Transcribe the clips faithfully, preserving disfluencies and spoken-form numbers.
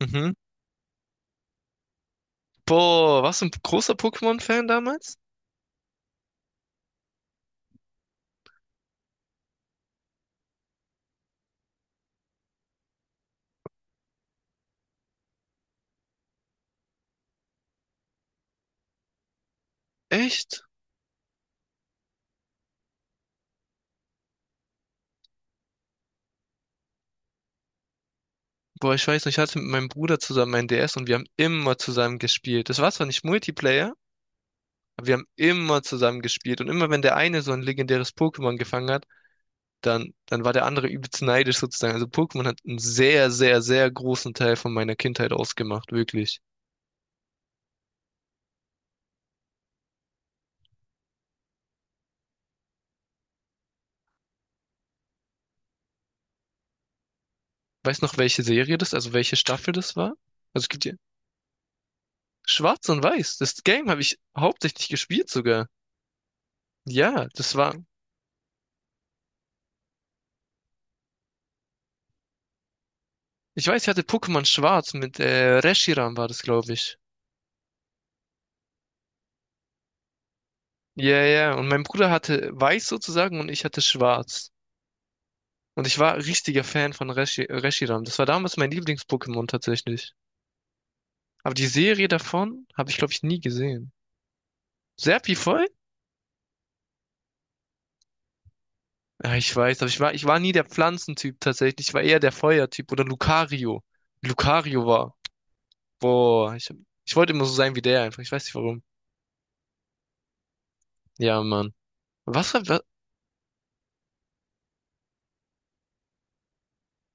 Mhm. Boah, warst du ein großer Pokémon-Fan damals? Echt? Boah, ich weiß nicht, ich hatte mit meinem Bruder zusammen ein D S und wir haben immer zusammen gespielt. Das war zwar nicht Multiplayer, aber Wir haben immer zusammen gespielt, und immer wenn der eine so ein legendäres Pokémon gefangen hat, dann, dann war der andere übelst neidisch sozusagen. Also Pokémon hat einen sehr, sehr, sehr großen Teil von meiner Kindheit ausgemacht, wirklich. Weiß noch, welche Serie das, also welche Staffel das war? Also es gibt hier Schwarz und Weiß. Das Game habe ich hauptsächlich gespielt sogar. Ja, das war. Ich weiß, ich hatte Pokémon Schwarz mit äh, Reshiram war das, glaube ich. Ja, ja. Und mein Bruder hatte Weiß sozusagen und ich hatte Schwarz. Und ich war richtiger Fan von Reshi Reshiram. Das war damals mein Lieblings-Pokémon tatsächlich. Aber die Serie davon habe ich, glaube ich, nie gesehen. Serpifeu? Ja, ich weiß, aber ich war, ich war nie der Pflanzentyp tatsächlich. Ich war eher der Feuertyp oder Lucario. Lucario war. Boah, ich, ich wollte immer so sein wie der einfach. Ich weiß nicht warum. Ja, Mann. Was war, wa-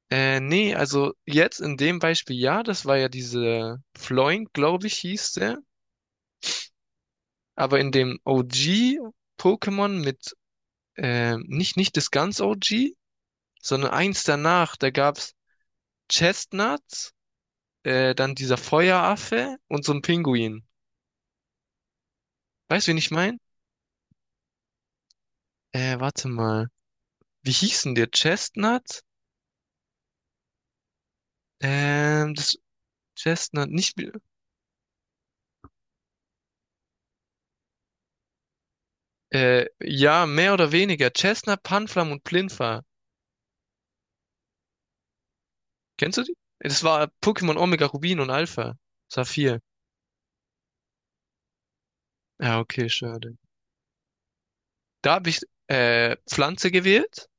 äh, nee, also jetzt in dem Beispiel, ja, das war ja diese Floink, glaube ich, hieß der. Aber in dem O G-Pokémon mit, äh, nicht, nicht das ganz O G, sondern eins danach, da gab's Chestnuts, äh, dann dieser Feueraffe und so ein Pinguin. Weißt du, wen ich mein? Äh, warte mal. Wie hießen der? Chestnut? Ähm, das Chestnut, nicht, äh, ja, mehr oder weniger. Chestnut, Panflam und Plinfa. Kennst du die? Das war Pokémon Omega Rubin und Alpha. Saphir. Ja, okay, schade. Da habe ich, äh, Pflanze gewählt.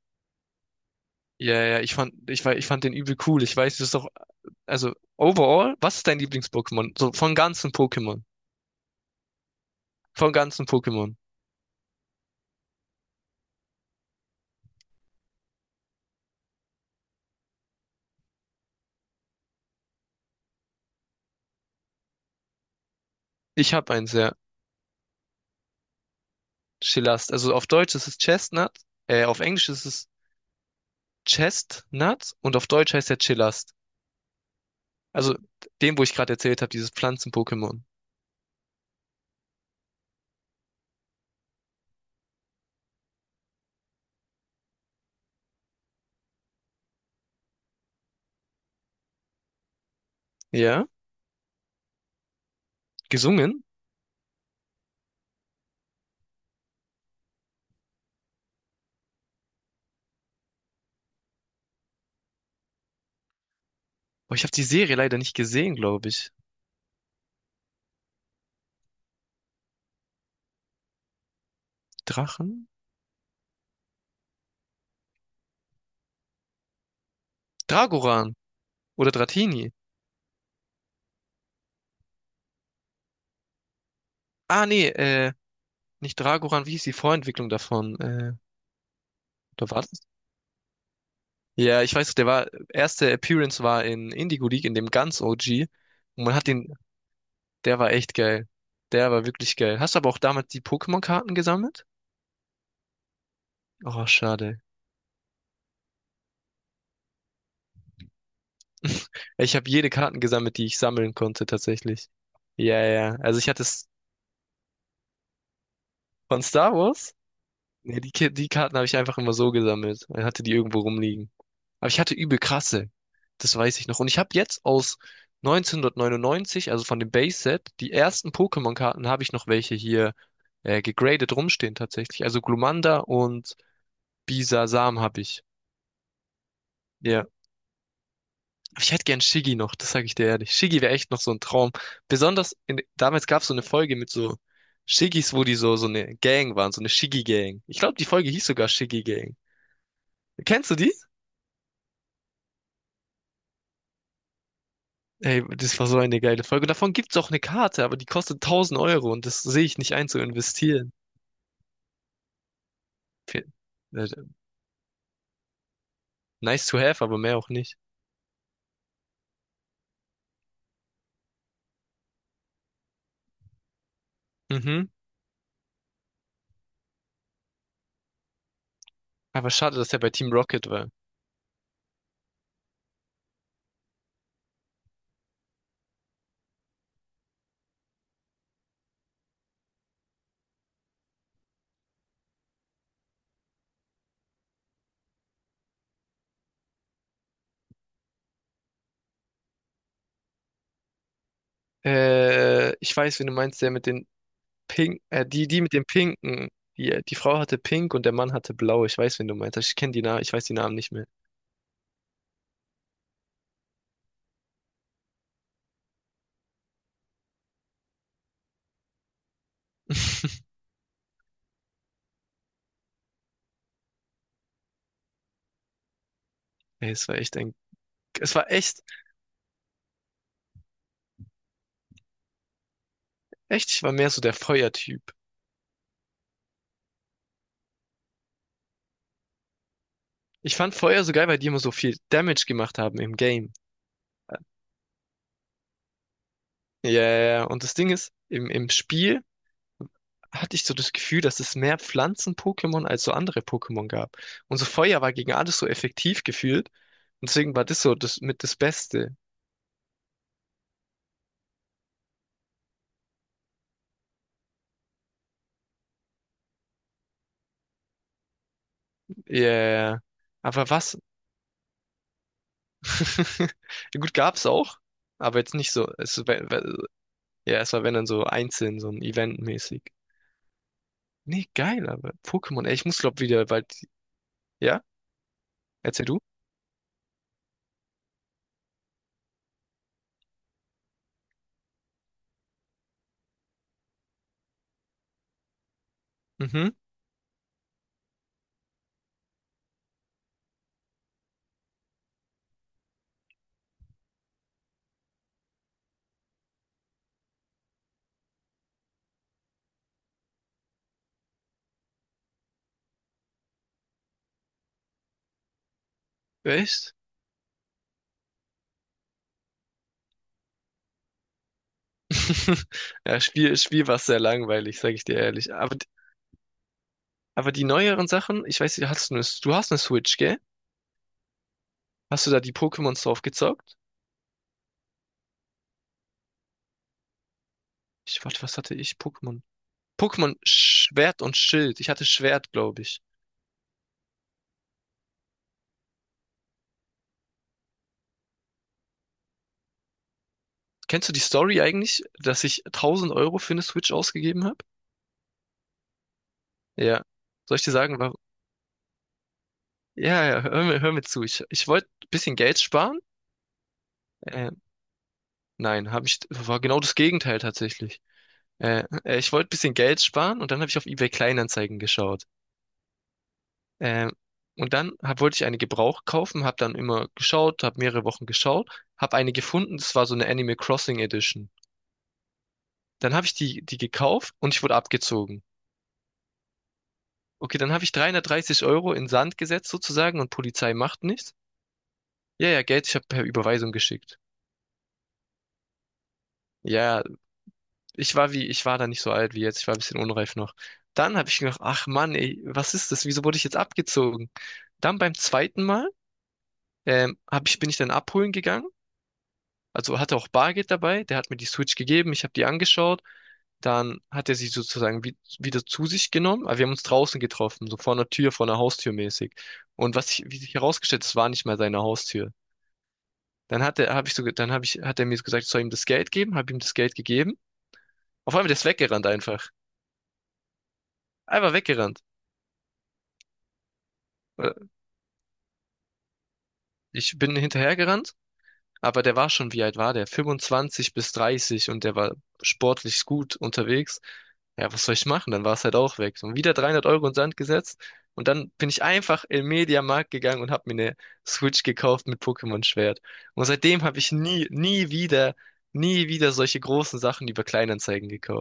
Ja, ja, ich fand, ich, war- ich fand den übel cool. Ich weiß, das ist doch. Also overall, was ist dein Lieblings-Pokémon? So von ganzen Pokémon. Von ganzen Pokémon. Ich habe eins, ja. Chillast. Also auf Deutsch ist es Chestnut, äh, auf Englisch ist es Chestnut, und auf Deutsch heißt er Chillast. Also dem, wo ich gerade erzählt habe, dieses Pflanzen-Pokémon. Ja, gesungen. Aber ich habe die Serie leider nicht gesehen, glaube ich. Drachen? Dragoran oder Dratini. Ah, nee, äh, nicht Dragoran, wie hieß die Vorentwicklung davon? Äh, oder war das? Ja, ich weiß, der war, erste Appearance war in Indigo League, in dem ganz O G. Und man hat den, der war echt geil. Der war wirklich geil. Hast du aber auch damals die Pokémon-Karten gesammelt? Oh, schade. Ich habe jede Karten gesammelt, die ich sammeln konnte, tatsächlich. Ja, ja, ja. Also ich hatte es von Star Wars. Nee, die, Ki- die Karten habe ich einfach immer so gesammelt. Ich hatte die irgendwo rumliegen. Aber ich hatte übel krasse. Das weiß ich noch. Und ich habe jetzt aus neunzehnhundertneunundneunzig, also von dem Base-Set, die ersten Pokémon-Karten habe ich noch welche hier äh, gegradet rumstehen tatsächlich. Also Glumanda und Bisasam habe ich. Ja. Aber Ich hätte gern Shiggy noch, das sage ich dir ehrlich. Shiggy wäre echt noch so ein Traum. Besonders in, damals gab es so eine Folge mit so Shiggys, wo die so, so eine Gang waren, so eine Shiggy-Gang. Ich glaube, die Folge hieß sogar Shiggy-Gang. Kennst du die? Ey, das war so eine geile Folge. Davon gibt's auch eine Karte, aber die kostet tausend Euro und das sehe ich nicht ein zu investieren. Fe- äh, Nice to have, aber mehr auch nicht. Mhm. Aber schade, dass er bei Team Rocket war. Äh, ich weiß, wen du meinst, der mit den Pink, äh, die, die mit dem Pinken. Die, die Frau hatte Pink und der Mann hatte Blau. Ich weiß, wen du meinst. Ich kenne die Namen, ich weiß die Namen nicht mehr. Ey, es war echt ein, es war echt, echt, ich war mehr so der Feuertyp. Ich fand Feuer so geil, weil die immer so viel Damage gemacht haben im Game. Ja, ja, ja. Und das Ding ist, im, im Spiel hatte ich so das Gefühl, dass es mehr Pflanzen-Pokémon als so andere Pokémon gab. Und so Feuer war gegen alles so effektiv gefühlt. Und deswegen war das so das mit das Beste. Ja, ja, ja. Aber was? Ja, gut, gab's auch, aber jetzt nicht so. Es, wär- wär- ja, es war wenn dann so einzeln, so ein Event-mäßig. Nee, geil, aber Pokémon, ey, ich muss glaub wieder, weil, ja, erzähl du. Mhm, echt? Ja, Spiel, Spiel war sehr langweilig, sag ich dir ehrlich. Aber Aber die neueren Sachen, ich weiß nicht, hast du eine, du hast eine Switch, gell? Hast du da die Pokémons drauf gezockt? Ich, warte, was hatte ich? Pokémon. Pokémon Schwert und Schild. Ich hatte Schwert, glaube ich. Kennst du die Story eigentlich, dass ich tausend Euro für eine Switch ausgegeben habe? Ja. Soll ich dir sagen, warum? Ja, ja, hör mir, hör mir zu. Ich, ich wollte ein bisschen Geld sparen. Äh, nein, habe ich, war genau das Gegenteil tatsächlich. Äh, äh, ich wollte ein bisschen Geld sparen und dann habe ich auf eBay Kleinanzeigen geschaut. Ähm, und dann hab, wollte ich eine Gebrauch kaufen, habe dann immer geschaut, habe mehrere Wochen geschaut, habe eine gefunden, das war so eine Animal Crossing Edition. Dann habe ich die, die gekauft und ich wurde abgezogen. Okay, dann habe ich dreihundertdreißig Euro in Sand gesetzt sozusagen und Polizei macht nichts. Ja, ja, Geld, ich habe per Überweisung geschickt. Ja, ich war wie, ich war da nicht so alt wie jetzt, ich war ein bisschen unreif noch. Dann habe ich gedacht, ach Mann, ey, was ist das? Wieso wurde ich jetzt abgezogen? Dann beim zweiten Mal ähm, hab ich, bin ich dann abholen gegangen. Also hatte auch Bargeld dabei, der hat mir die Switch gegeben, ich habe die angeschaut. Dann hat er sie sozusagen wie, wieder zu sich genommen, aber wir haben uns draußen getroffen, so vor einer Tür, vor einer Haustür mäßig. Und was ich, wie sich herausgestellt, es war nicht mal seine Haustür. Dann hat er, habe ich so, ge- dann habe ich, hat er mir so gesagt, ich soll ihm das Geld geben, habe ihm das Geld gegeben. Auf einmal der ist weggerannt einfach. Einfach weggerannt. Äh, Ich bin hinterhergerannt. Aber der war schon, wie alt war der? fünfundzwanzig bis dreißig und der war sportlich gut unterwegs. Ja, was soll ich machen? Dann war es halt auch weg. Und wieder dreihundert Euro in den Sand gesetzt. Und dann bin ich einfach im Mediamarkt gegangen und habe mir eine Switch gekauft mit Pokémon Schwert. Und seitdem habe ich nie, nie wieder, nie wieder solche großen Sachen über Kleinanzeigen gekauft.